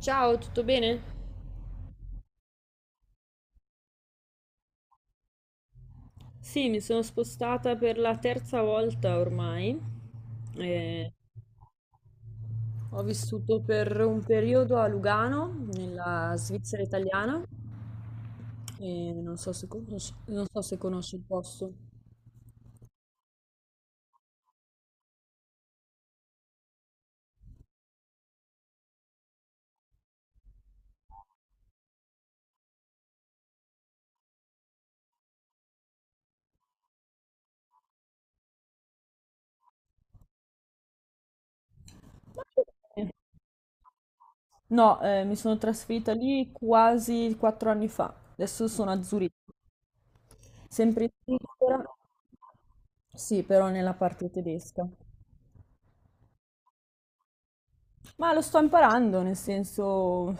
Ciao, tutto bene? Sì, mi sono spostata per la terza volta ormai. Eh, Ho vissuto per un periodo a Lugano, nella Svizzera italiana, e non so se conosci il posto. No, mi sono trasferita lì quasi 4 anni fa. Adesso sono a Zurigo, sempre in Svizzera, sì, però nella parte tedesca. Ma lo sto imparando, nel senso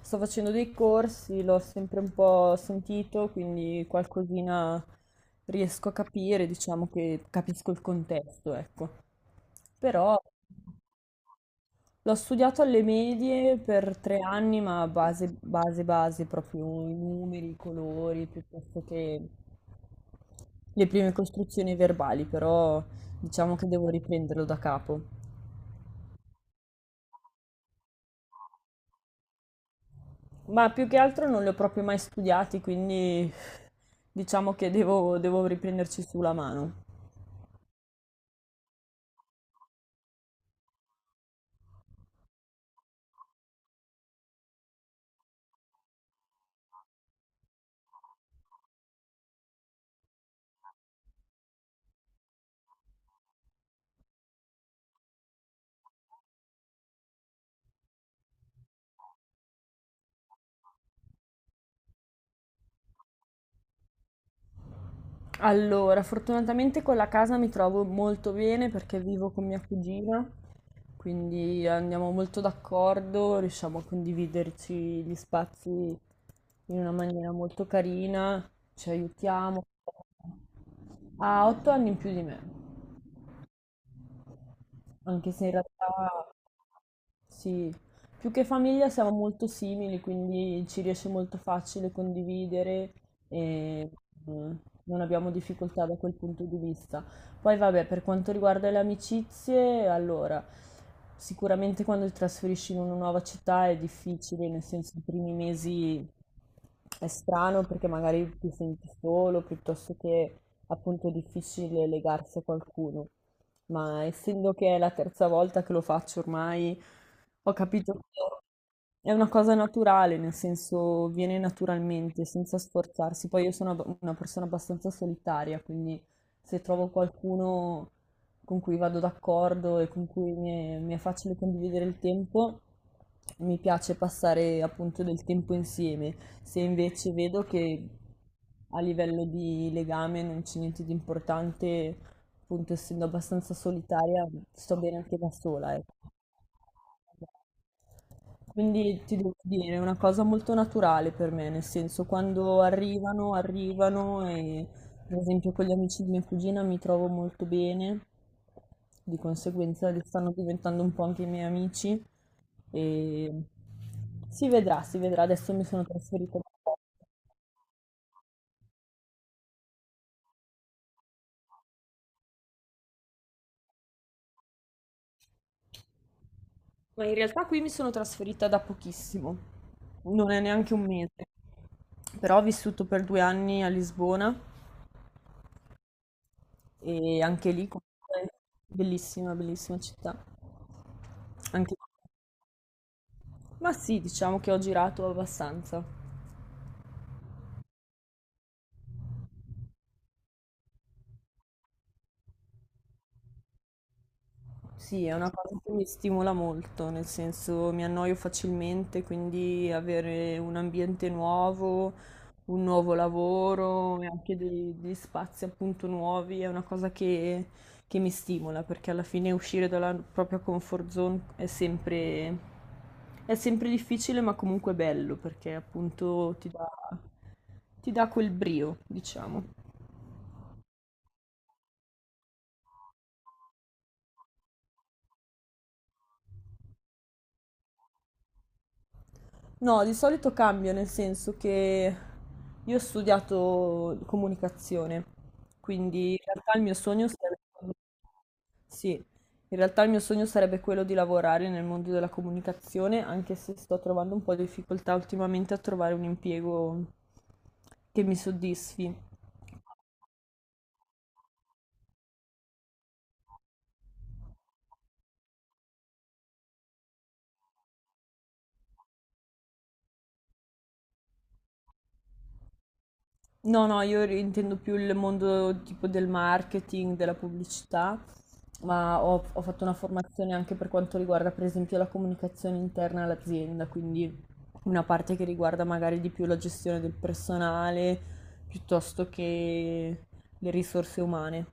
sto facendo dei corsi, l'ho sempre un po' sentito, quindi qualcosina riesco a capire, diciamo che capisco il contesto, ecco. Però l'ho studiato alle medie per 3 anni, ma base, base, base, proprio i numeri, i colori, piuttosto che le prime costruzioni verbali, però diciamo che devo riprenderlo da capo. Ma più che altro non li ho proprio mai studiati, quindi diciamo che devo riprenderci sulla mano. Allora, fortunatamente con la casa mi trovo molto bene perché vivo con mia cugina, quindi andiamo molto d'accordo, riusciamo a condividerci gli spazi in una maniera molto carina, ci aiutiamo. Ha 8 anni in più di me. Anche se in realtà sì, più che famiglia siamo molto simili, quindi ci riesce molto facile condividere e mm, non abbiamo difficoltà da quel punto di vista. Poi vabbè, per quanto riguarda le amicizie, allora, sicuramente quando ti trasferisci in una nuova città è difficile, nel senso i primi mesi è strano perché magari ti senti solo, piuttosto che appunto è difficile legarsi a qualcuno, ma essendo che è la terza volta che lo faccio ormai, ho capito che è una cosa naturale, nel senso viene naturalmente, senza sforzarsi. Poi io sono una persona abbastanza solitaria, quindi se trovo qualcuno con cui vado d'accordo e con cui mi è facile condividere il tempo, mi piace passare appunto del tempo insieme. Se invece vedo che a livello di legame non c'è niente di importante. Appunto, essendo abbastanza solitaria, sto bene anche da sola, ecco. Quindi ti devo dire, è una cosa molto naturale per me, nel senso quando arrivano, arrivano e per esempio con gli amici di mia cugina mi trovo molto bene, di conseguenza li stanno diventando un po' anche i miei amici e si vedrà, adesso mi sono trasferita. Ma in realtà qui mi sono trasferita da pochissimo, non è neanche un mese, però ho vissuto per 2 anni a Lisbona e anche lì comunque bellissima, bellissima città. Anche- Ma sì, diciamo che ho girato abbastanza. Sì, è una cosa che mi stimola molto, nel senso mi annoio facilmente, quindi avere un ambiente nuovo, un nuovo lavoro e anche degli spazi appunto nuovi è una cosa che mi stimola, perché alla fine uscire dalla propria comfort zone è sempre difficile, ma comunque bello, perché appunto ti dà quel brio, diciamo. No, di solito cambio, nel senso che io ho studiato comunicazione, quindi in realtà il mio sogno sarebbe, sì, in realtà il mio sogno sarebbe quello di lavorare nel mondo della comunicazione, anche se sto trovando un po' di difficoltà ultimamente a trovare un impiego che mi soddisfi. No, no, io intendo più il mondo tipo del marketing, della pubblicità, ma ho fatto una formazione anche per quanto riguarda, per esempio, la comunicazione interna all'azienda, quindi una parte che riguarda magari di più la gestione del personale piuttosto che le risorse umane.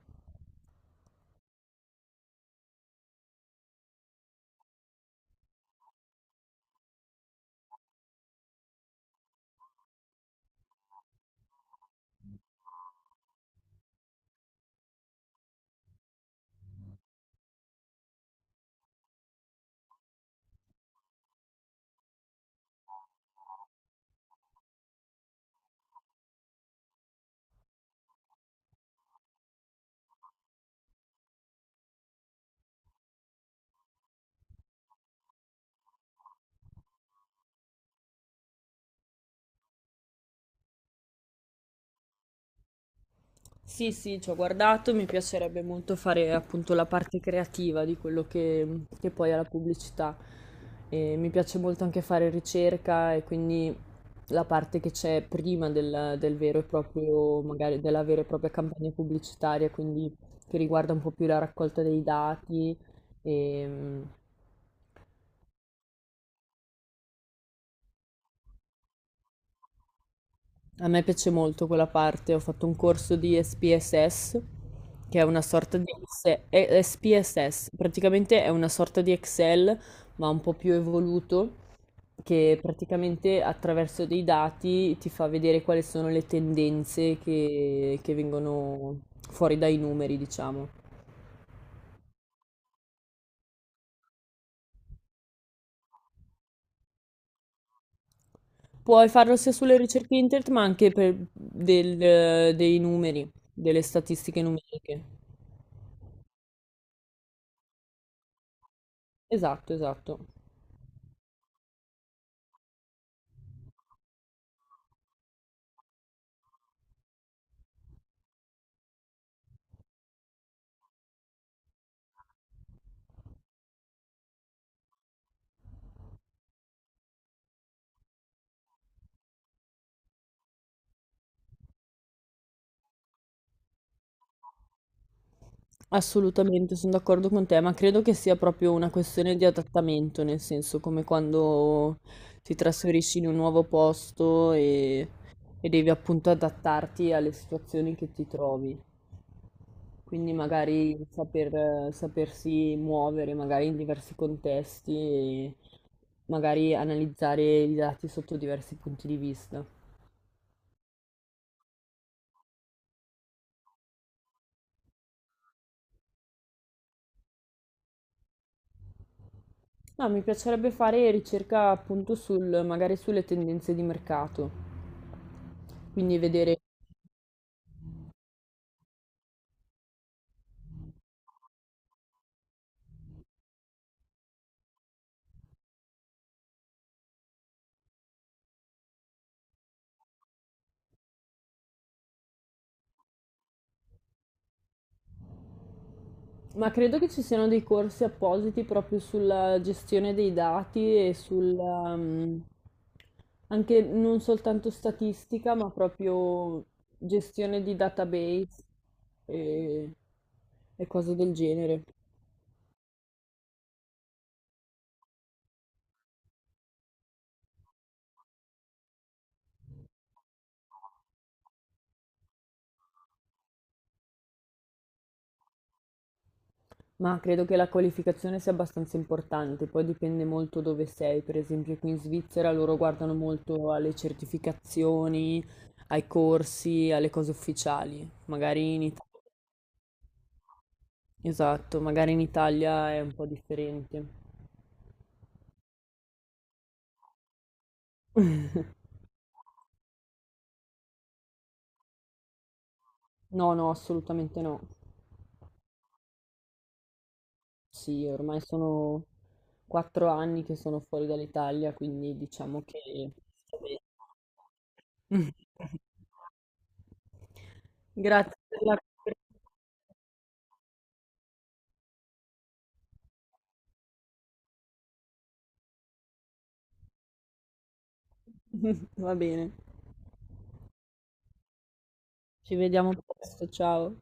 Sì, sì, ci ho guardato, mi piacerebbe molto fare appunto la parte creativa di quello che poi è la pubblicità. E mi piace molto anche fare ricerca e quindi la parte che c'è prima del vero e proprio, magari della vera e propria campagna pubblicitaria, quindi che riguarda un po' più la raccolta dei dati e. A me piace molto quella parte, ho fatto un corso di SPSS, che è una sorta di SPSS, praticamente è una sorta di Excel, ma un po' più evoluto, che praticamente attraverso dei dati ti fa vedere quali sono le tendenze che vengono fuori dai numeri, diciamo. Puoi farlo sia sulle ricerche internet, ma anche per dei numeri, delle statistiche numeriche. Esatto, esatto. Assolutamente, son d'accordo con te, ma credo che sia proprio una questione di adattamento, nel senso come quando ti trasferisci in un nuovo posto e devi appunto adattarti alle situazioni che ti trovi. Quindi magari sapersi muovere, magari in diversi contesti e magari analizzare i dati sotto diversi punti di vista. No, mi piacerebbe fare ricerca appunto sul, magari sulle tendenze di mercato, quindi vedere. Ma credo che ci siano dei corsi appositi proprio sulla gestione dei dati e sul, anche non soltanto statistica, ma proprio gestione di database e, e cose del genere. Ma credo che la qualificazione sia abbastanza importante, poi dipende molto dove sei. Per esempio, qui in Svizzera loro guardano molto alle certificazioni, ai corsi, alle cose ufficiali. Magari in. Esatto, magari in Italia è un po' differente. No, no, assolutamente no. Sì, ormai sono 4 anni che sono fuori dall'Italia, quindi diciamo che. Grazie per la. Va bene, ci vediamo presto, ciao.